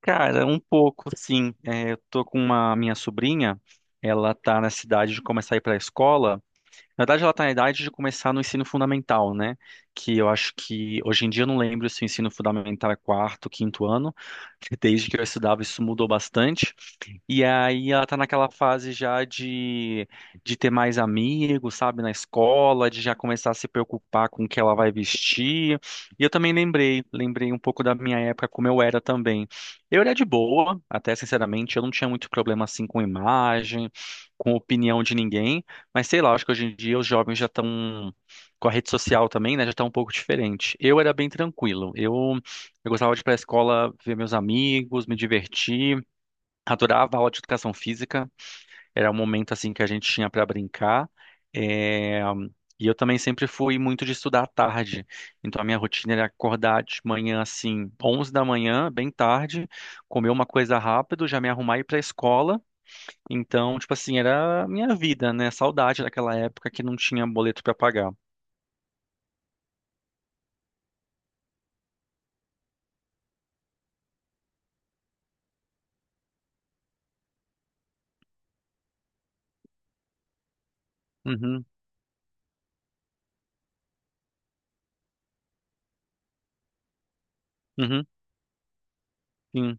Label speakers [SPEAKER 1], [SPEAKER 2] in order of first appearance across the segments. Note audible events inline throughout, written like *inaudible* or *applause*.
[SPEAKER 1] Cara, um pouco, sim. É, eu tô com uma minha sobrinha, ela tá na cidade de começar a ir pra escola. Na verdade, ela tá na idade de começar no ensino fundamental, né? Que eu acho que hoje em dia eu não lembro se o ensino fundamental é quarto, quinto ano. *laughs* Desde que eu estudava, isso mudou bastante. E aí ela tá naquela fase já de ter mais amigos, sabe, na escola, de já começar a se preocupar com o que ela vai vestir. E eu também lembrei, lembrei um pouco da minha época, como eu era também. Eu era de boa, até sinceramente, eu não tinha muito problema assim com imagem, com opinião de ninguém, mas sei lá, acho que hoje em dia os jovens já estão com a rede social também, né, já tá um pouco diferente. Eu era bem tranquilo. Eu gostava de ir pra escola, ver meus amigos, me divertir. Adorava a aula de educação física, era um momento assim que a gente tinha para brincar. eh, E eu também sempre fui muito de estudar à tarde. Então a minha rotina era acordar de manhã assim, 11 da manhã, bem tarde, comer uma coisa rápido, já me arrumar e ir para a escola. Então, tipo assim, era a minha vida, né? Saudade daquela época que não tinha boleto para pagar. Uhum, uhum, sim.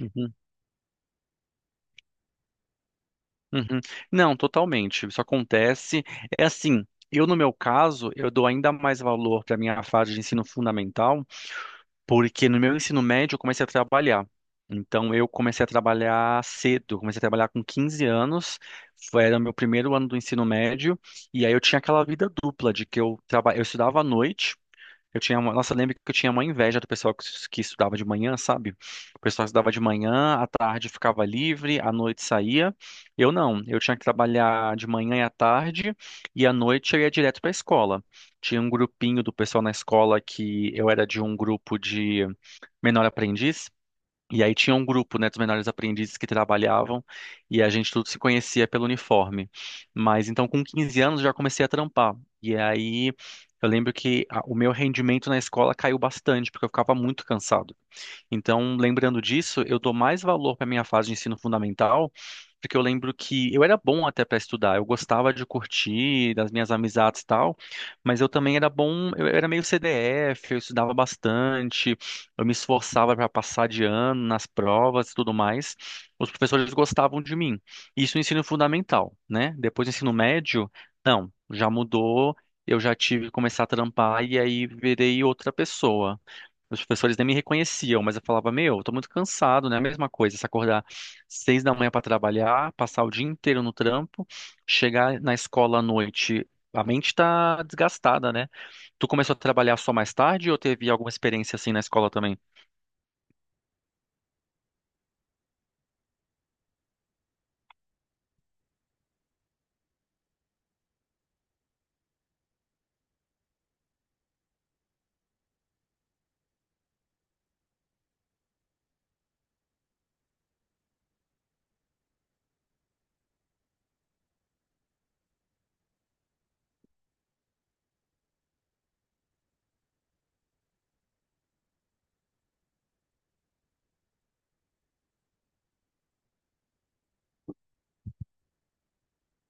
[SPEAKER 1] Uhum. Uhum. Não, totalmente. Isso acontece. É assim, eu no meu caso, eu dou ainda mais valor para minha fase de ensino fundamental, porque no meu ensino médio eu comecei a trabalhar. Então eu comecei a trabalhar cedo, comecei a trabalhar com 15 anos, era o meu primeiro ano do ensino médio, e aí eu tinha aquela vida dupla de eu estudava à noite. Nossa, eu lembro que eu tinha uma inveja do pessoal que estudava de manhã, sabe? O pessoal estudava de manhã, à tarde ficava livre, à noite saía. Eu não, eu tinha que trabalhar de manhã e à tarde, e à noite eu ia direto para a escola. Tinha um grupinho do pessoal na escola que eu era de um grupo de menor aprendiz, e aí tinha um grupo, né, dos menores aprendizes que trabalhavam e a gente tudo se conhecia pelo uniforme. Mas então com 15 anos já comecei a trampar. E aí eu lembro que o meu rendimento na escola caiu bastante, porque eu ficava muito cansado. Então, lembrando disso, eu dou mais valor para minha fase de ensino fundamental, porque eu lembro que eu era bom até para estudar, eu gostava de curtir, das minhas amizades e tal, mas eu também era bom, eu era meio CDF, eu estudava bastante, eu me esforçava para passar de ano nas provas e tudo mais. Os professores gostavam de mim. Isso no ensino fundamental, né? Depois do ensino médio, não, já mudou. Eu já tive que começar a trampar e aí virei outra pessoa. Os professores nem me reconheciam, mas eu falava, meu, eu tô muito cansado, né? A mesma coisa, se acordar 6 da manhã para trabalhar, passar o dia inteiro no trampo, chegar na escola à noite, a mente tá desgastada, né? Tu começou a trabalhar só mais tarde ou teve alguma experiência assim na escola também?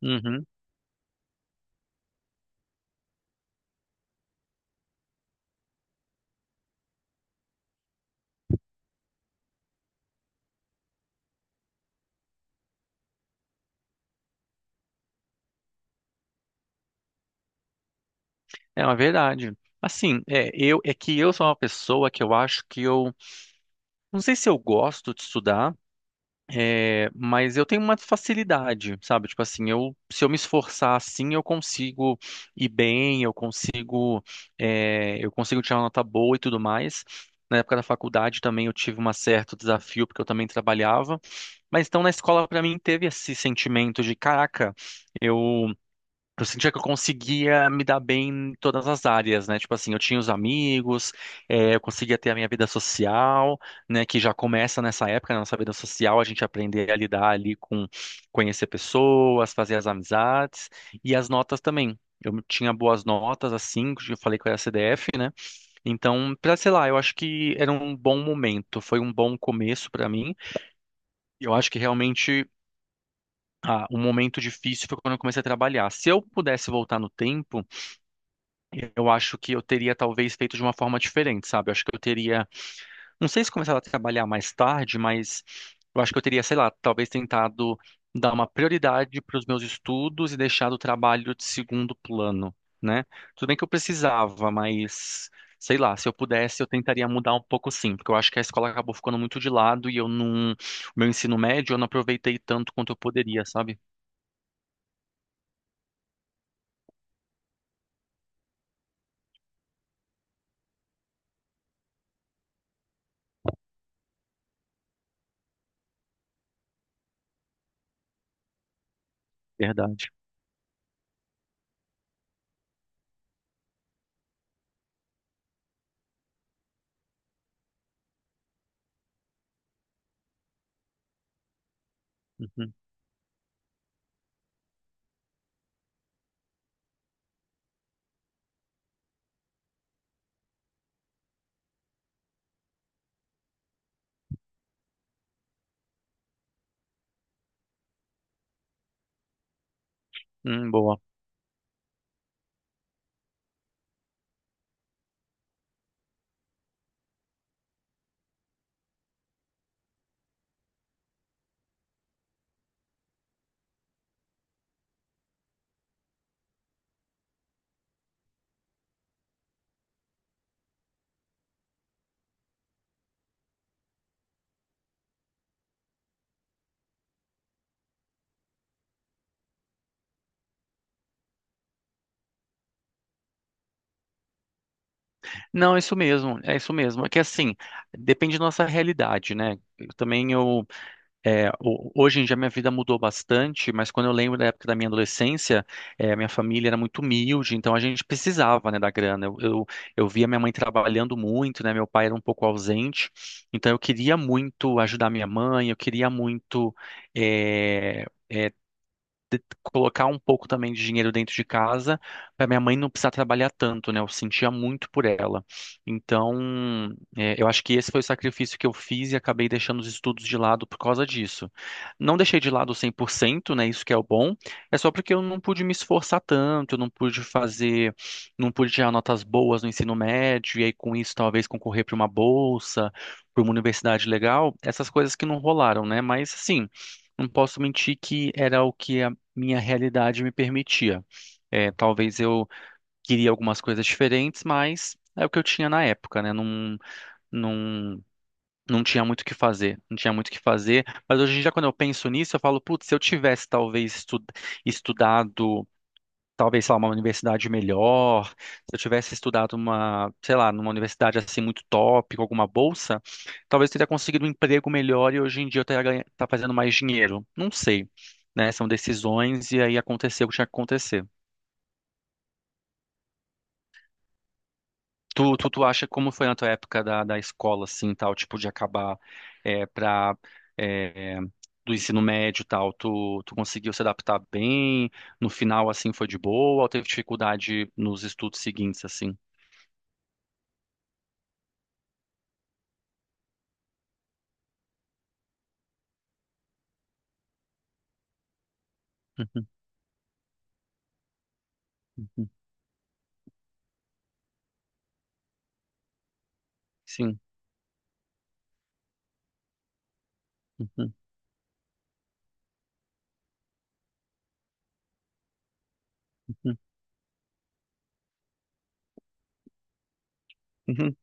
[SPEAKER 1] Uhum. É uma verdade. Assim, é, eu, é que eu sou uma pessoa que eu acho que eu, não sei se eu gosto de estudar. É, mas eu tenho uma facilidade, sabe? Tipo assim, eu, se eu me esforçar assim, eu consigo ir bem, eu consigo, é, eu consigo tirar uma nota boa e tudo mais. Na época da faculdade também eu tive um certo desafio, porque eu também trabalhava. Mas então na escola, pra mim, teve esse sentimento de, caraca, eu eu sentia que eu conseguia me dar bem em todas as áreas, né? Tipo assim, eu tinha os amigos, eu conseguia ter a minha vida social, né? Que já começa nessa época, na nossa vida social, a gente aprender a lidar ali com conhecer pessoas, fazer as amizades e as notas também. Eu tinha boas notas, assim, que eu falei que eu era CDF, né? Então, pra, sei lá, eu acho que era um bom momento, foi um bom começo pra mim. E eu acho que realmente o momento difícil foi quando eu comecei a trabalhar. Se eu pudesse voltar no tempo, eu acho que eu teria talvez feito de uma forma diferente, sabe? Eu acho que eu teria, não sei se começar a trabalhar mais tarde, mas eu acho que eu teria, sei lá, talvez tentado dar uma prioridade para os meus estudos e deixado o trabalho de segundo plano, né? Tudo bem que eu precisava, mas sei lá, se eu pudesse, eu tentaria mudar um pouco sim, porque eu acho que a escola acabou ficando muito de lado e eu não, o meu ensino médio eu não aproveitei tanto quanto eu poderia, sabe? Verdade. Uhum. Boa. Não, é isso mesmo, é isso mesmo. É que assim, depende da nossa realidade, né? Eu também eu, é, hoje em dia minha vida mudou bastante, mas quando eu lembro da época da minha adolescência, é, minha família era muito humilde, então a gente precisava, né, da grana. Eu via minha mãe trabalhando muito, né? Meu pai era um pouco ausente, então eu queria muito ajudar minha mãe, eu queria muito, é, é, colocar um pouco também de dinheiro dentro de casa para minha mãe não precisar trabalhar tanto, né? Eu sentia muito por ela. Então, é, eu acho que esse foi o sacrifício que eu fiz e acabei deixando os estudos de lado por causa disso. Não deixei de lado 100%, né? Isso que é o bom. É só porque eu não pude me esforçar tanto, eu não pude fazer, não pude tirar notas boas no ensino médio e aí com isso talvez concorrer para uma bolsa, para uma universidade legal, essas coisas que não rolaram, né? Mas assim, não posso mentir que era o que minha realidade me permitia. É, talvez eu queria algumas coisas diferentes, mas é o que eu tinha na época, né? Não, não, não tinha muito o que fazer, não tinha muito o que fazer. Mas hoje em dia, quando eu penso nisso, eu falo, putz, se eu tivesse talvez estudado talvez, sei lá, uma universidade melhor, se eu tivesse estudado uma, sei lá, numa universidade assim muito top, com alguma bolsa, talvez eu teria conseguido um emprego melhor e hoje em dia eu teria tá fazendo mais dinheiro. Não sei, né? São decisões e aí aconteceu o que tinha que acontecer. Tu acha como foi na tua época da escola, assim, tal, tipo, de acabar é, pra, é, do ensino médio tal, tu conseguiu se adaptar bem? No final, assim, foi de boa ou teve dificuldade nos estudos seguintes, assim? Uhum. Sim. Uhum, uhum, uhum.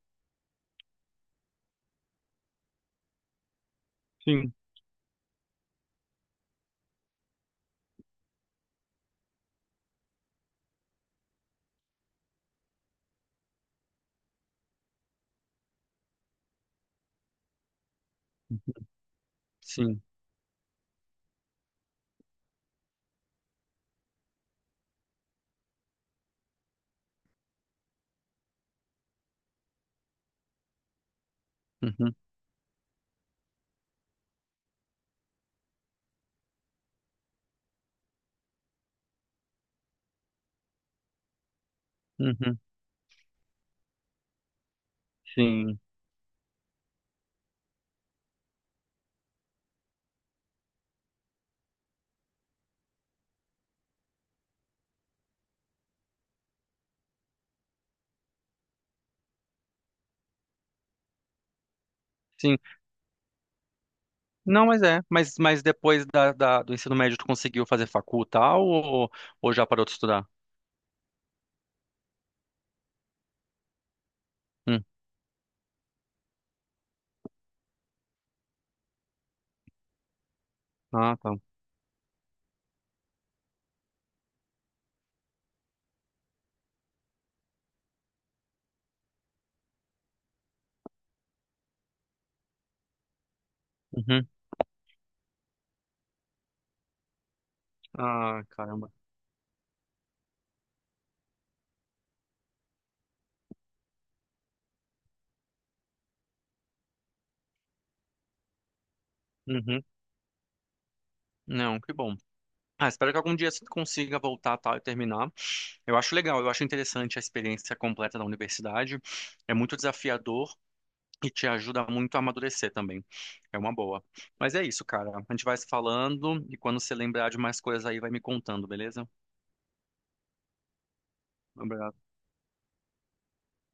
[SPEAKER 1] Sim. Sim. Uhum, uhum. Sim. Sim. Não, mas é. Mas depois da, do ensino médio, tu conseguiu fazer facul tal ou já parou de estudar? Hum. Ah, tá. Uhum. Ah, caramba. Uhum. Não, que bom. Ah, espero que algum dia você consiga voltar tal e terminar. Eu acho legal, eu acho interessante a experiência completa da universidade. É muito desafiador. E te ajuda muito a amadurecer também. É uma boa. Mas é isso, cara. A gente vai se falando e quando você lembrar de mais coisas aí, vai me contando, beleza? Um abraço.